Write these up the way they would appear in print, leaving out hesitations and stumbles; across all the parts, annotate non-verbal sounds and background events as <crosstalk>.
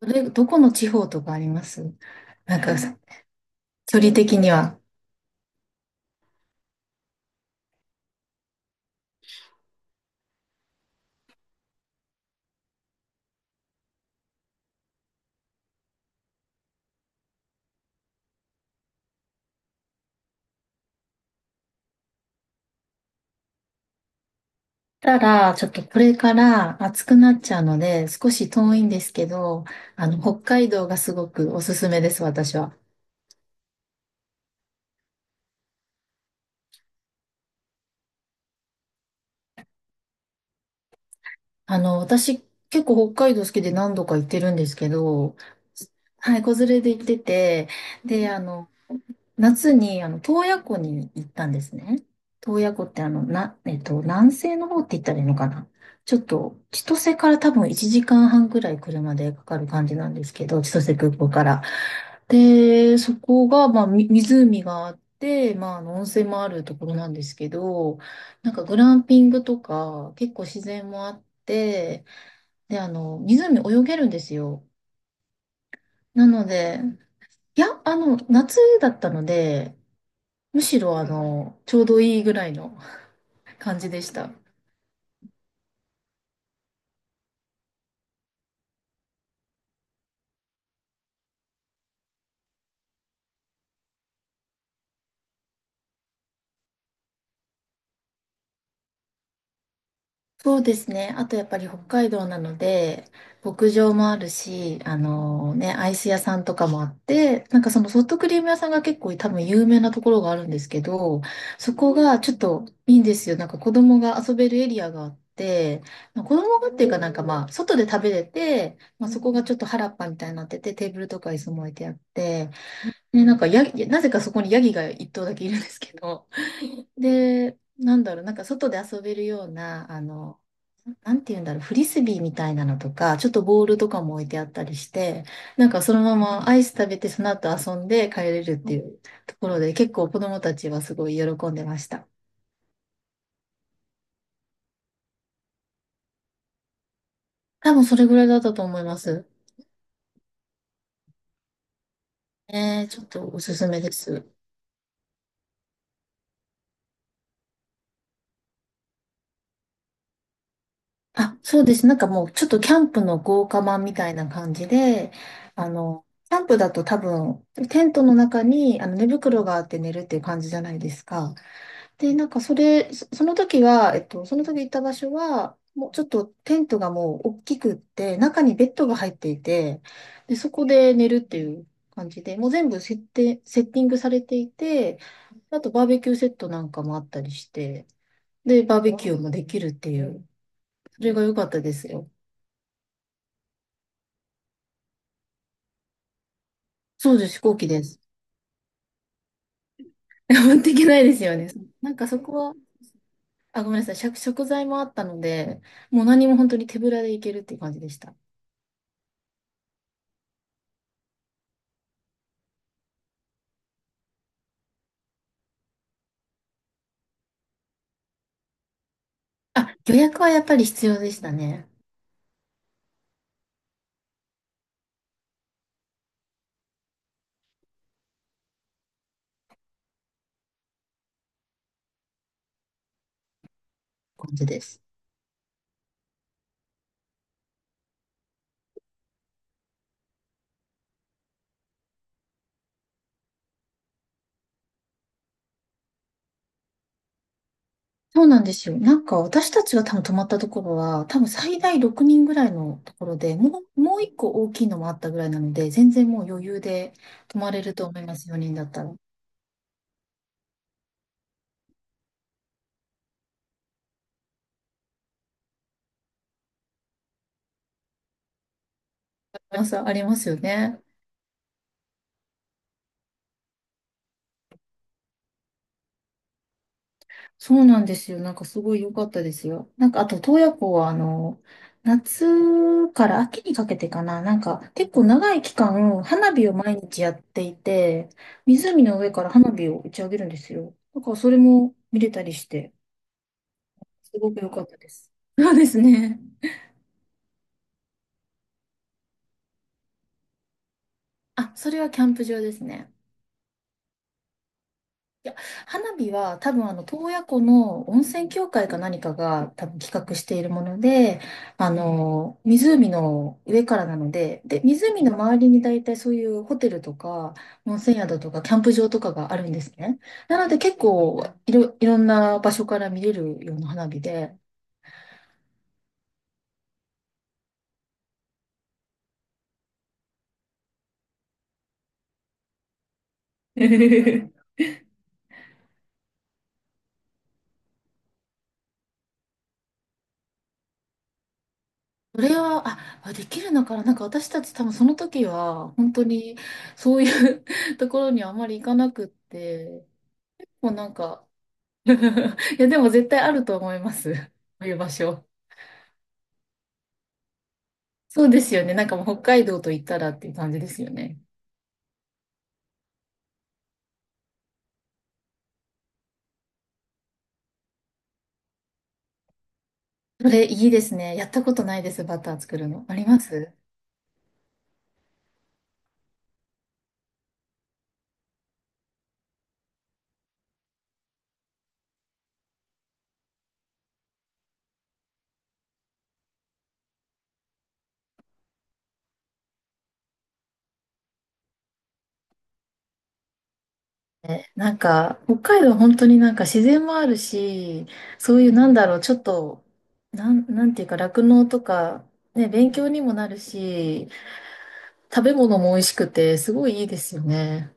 それ、どこの地方とかあります？なんかさ、距離的には。ただ、ちょっとこれから暑くなっちゃうので、少し遠いんですけど、北海道がすごくおすすめです、私は。私、結構北海道好きで何度か行ってるんですけど、はい、子連れで行ってて、で、あの、夏に、洞爺湖に行ったんですね。洞爺湖って、あの、な、えっと、南西の方って言ったらいいのかな。ちょっと、千歳から多分1時間半ぐらい車でかかる感じなんですけど、千歳空港から。で、そこが、まあ、み湖があって、まあ、あの温泉もあるところなんですけど、なんかグランピングとか、結構自然もあって、で、あの、湖泳げるんですよ。なので、いや、夏だったので、むしろちょうどいいぐらいの <laughs> 感じでした。そうですね。あとやっぱり北海道なので、牧場もあるし、あのね、アイス屋さんとかもあって、なんかそのソフトクリーム屋さんが結構多分有名なところがあるんですけど、そこがちょっといいんですよ。なんか子供が遊べるエリアがあって、まあ子供がっていうかなんかまあ、外で食べれて、まあ、そこがちょっと原っぱみたいになってて、テーブルとか椅子も置いてあって、ね、なんかヤギ、なぜかそこにヤギが一頭だけいるんですけど、で、なんだろう、なんか外で遊べるような、あの、なんて言うんだろう、フリスビーみたいなのとか、ちょっとボールとかも置いてあったりして、なんかそのままアイス食べて、その後遊んで帰れるっていうところで、結構子供たちはすごい喜んでました。多分それぐらいだったと思います。ねえー、ちょっとおすすめです。あ、そうです。なんかもうちょっとキャンプの豪華版みたいな感じで、キャンプだと多分、テントの中にあの寝袋があって寝るっていう感じじゃないですか。で、なんかそれ、その時は、その時行った場所は、もうちょっとテントがもう大きくって、中にベッドが入っていて、で、そこで寝るっていう感じで、もう全部設定、セッティングされていて、あとバーベキューセットなんかもあったりして、で、バーベキューもできるっていう、それが良かったですよ。そうです、飛行機です。<laughs> 持っていけないですよね。なんかそこは、あ、ごめんなさい、食、食材もあったので、もう何も本当に手ぶらで行けるっていう感じでした。あ、予約はやっぱり必要でしたね。感じです。そうなんですよ。なんか私たちが多分泊まったところは、多分最大6人ぐらいのところで、もう一個大きいのもあったぐらいなので、全然もう余裕で泊まれると思います、4人だったら。皆さんありますよね。そうなんですよ。なんかすごい良かったですよ。なんかあと、洞爺湖は夏から秋にかけてかな。なんか結構長い期間、花火を毎日やっていて、湖の上から花火を打ち上げるんですよ。だからそれも見れたりして、すごく良かったです。そうですね。あ、それはキャンプ場ですね。いや、花火は多分洞爺湖の温泉協会か何かが多分企画しているもので、湖の上からなので、で、湖の周りに大体そういうホテルとか、温泉宿とか、キャンプ場とかがあるんですね。なので結構いろんな場所から見れるような花火で、<laughs> それは、あ、できるのかな、なんか私たち多分その時は、本当にそういう <laughs> ところにはあまり行かなくって、もうなんか、<laughs> いや、でも絶対あると思います。<laughs> そういう場所。そうですよね。なんかもう北海道と言ったらっていう感じですよね。それいいですね。やったことないです、バター作るの。あります？え、なんか、北海道本当になんか自然もあるし、そういうなんだろう、ちょっと、なんていうか、酪農とか、ね、勉強にもなるし、食べ物も美味しくて、すごいいいですよね。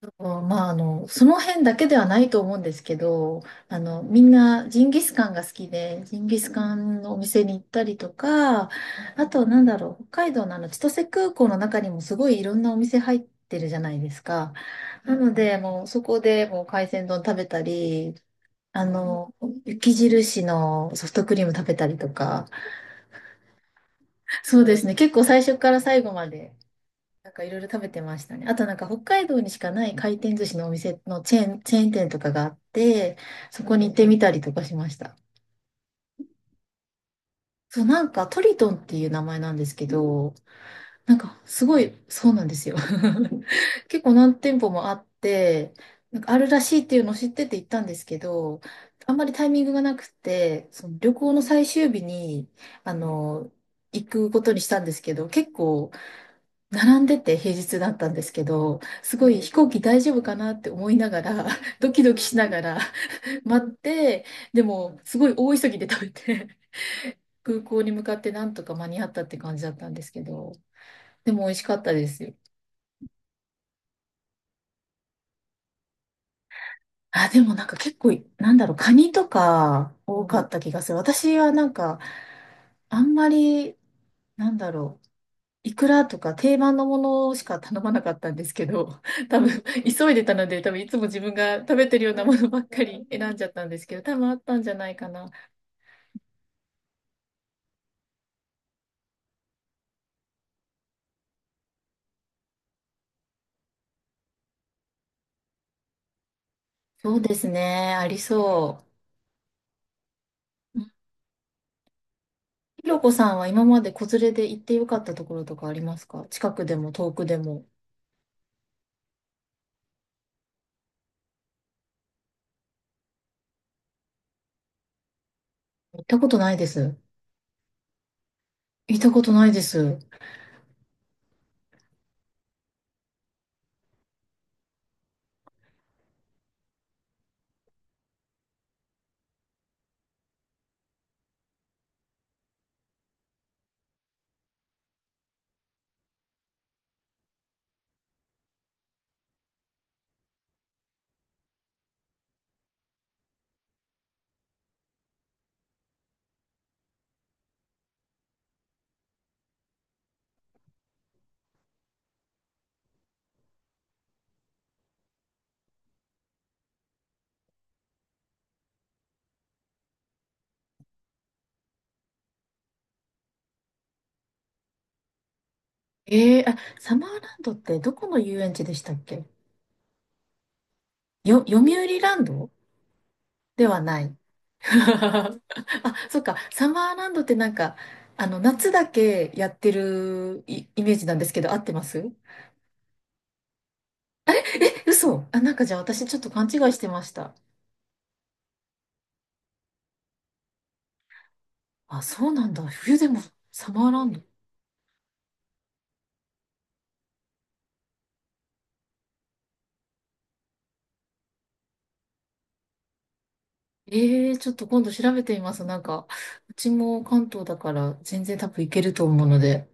うんまあ、その辺だけではないと思うんですけど、みんなジンギスカンが好きで、ジンギスカンのお店に行ったりとか、あと、なんだろう、北海道の千歳空港の中にもすごいいろんなお店入ってるじゃないですか。なので、もうそこでもう海鮮丼食べたり、あの、雪印のソフトクリーム食べたりとか、そうですね、結構最初から最後までなんかいろいろ食べてましたね。あとなんか北海道にしかない回転寿司のお店のチェーン店とかがあって、そこに行ってみたりとかしました。そう、なんかトリトンっていう名前なんですけど、なんかすごい、そうなんですよ。<laughs> 結構何店舗もあって、なんかあるらしいっていうのを知ってて行ったんですけど、あんまりタイミングがなくて、その旅行の最終日に、あの、行くことにしたんですけど、結構並んでて平日だったんですけど、すごい飛行機大丈夫かなって思いながら、<laughs> ドキドキしながら待って、でもすごい大急ぎで食べて、<laughs> 空港に向かってなんとか間に合ったって感じだったんですけど、でも美味しかったですよ。あ、でもなんか結構、なんだろう、カニとか多かった気がする。私はなんか、あんまり、なんだろう、いくらとか定番のものしか頼まなかったんですけど、<laughs> 多分急いでたので、多分いつも自分が食べてるようなものばっかり選んじゃったんですけど、多分あったんじゃないかな。そうですね、ありそう。うんひろこさんは今まで子連れで行ってよかったところとかありますか？近くでも遠くでも。行ったことないです。行ったことないです。えー、あ、サマーランドってどこの遊園地でしたっけ？読売ランドではない。<laughs> あ、そっか。サマーランドってなんか、夏だけやってるイメージなんですけど、合ってます？え嘘。あ、なんかじゃあ私ちょっと勘違いしてました。あ、そうなんだ。冬でもサマーランド。ええー、ちょっと今度調べてみます。なんか、うちも関東だから全然多分行けると思うので。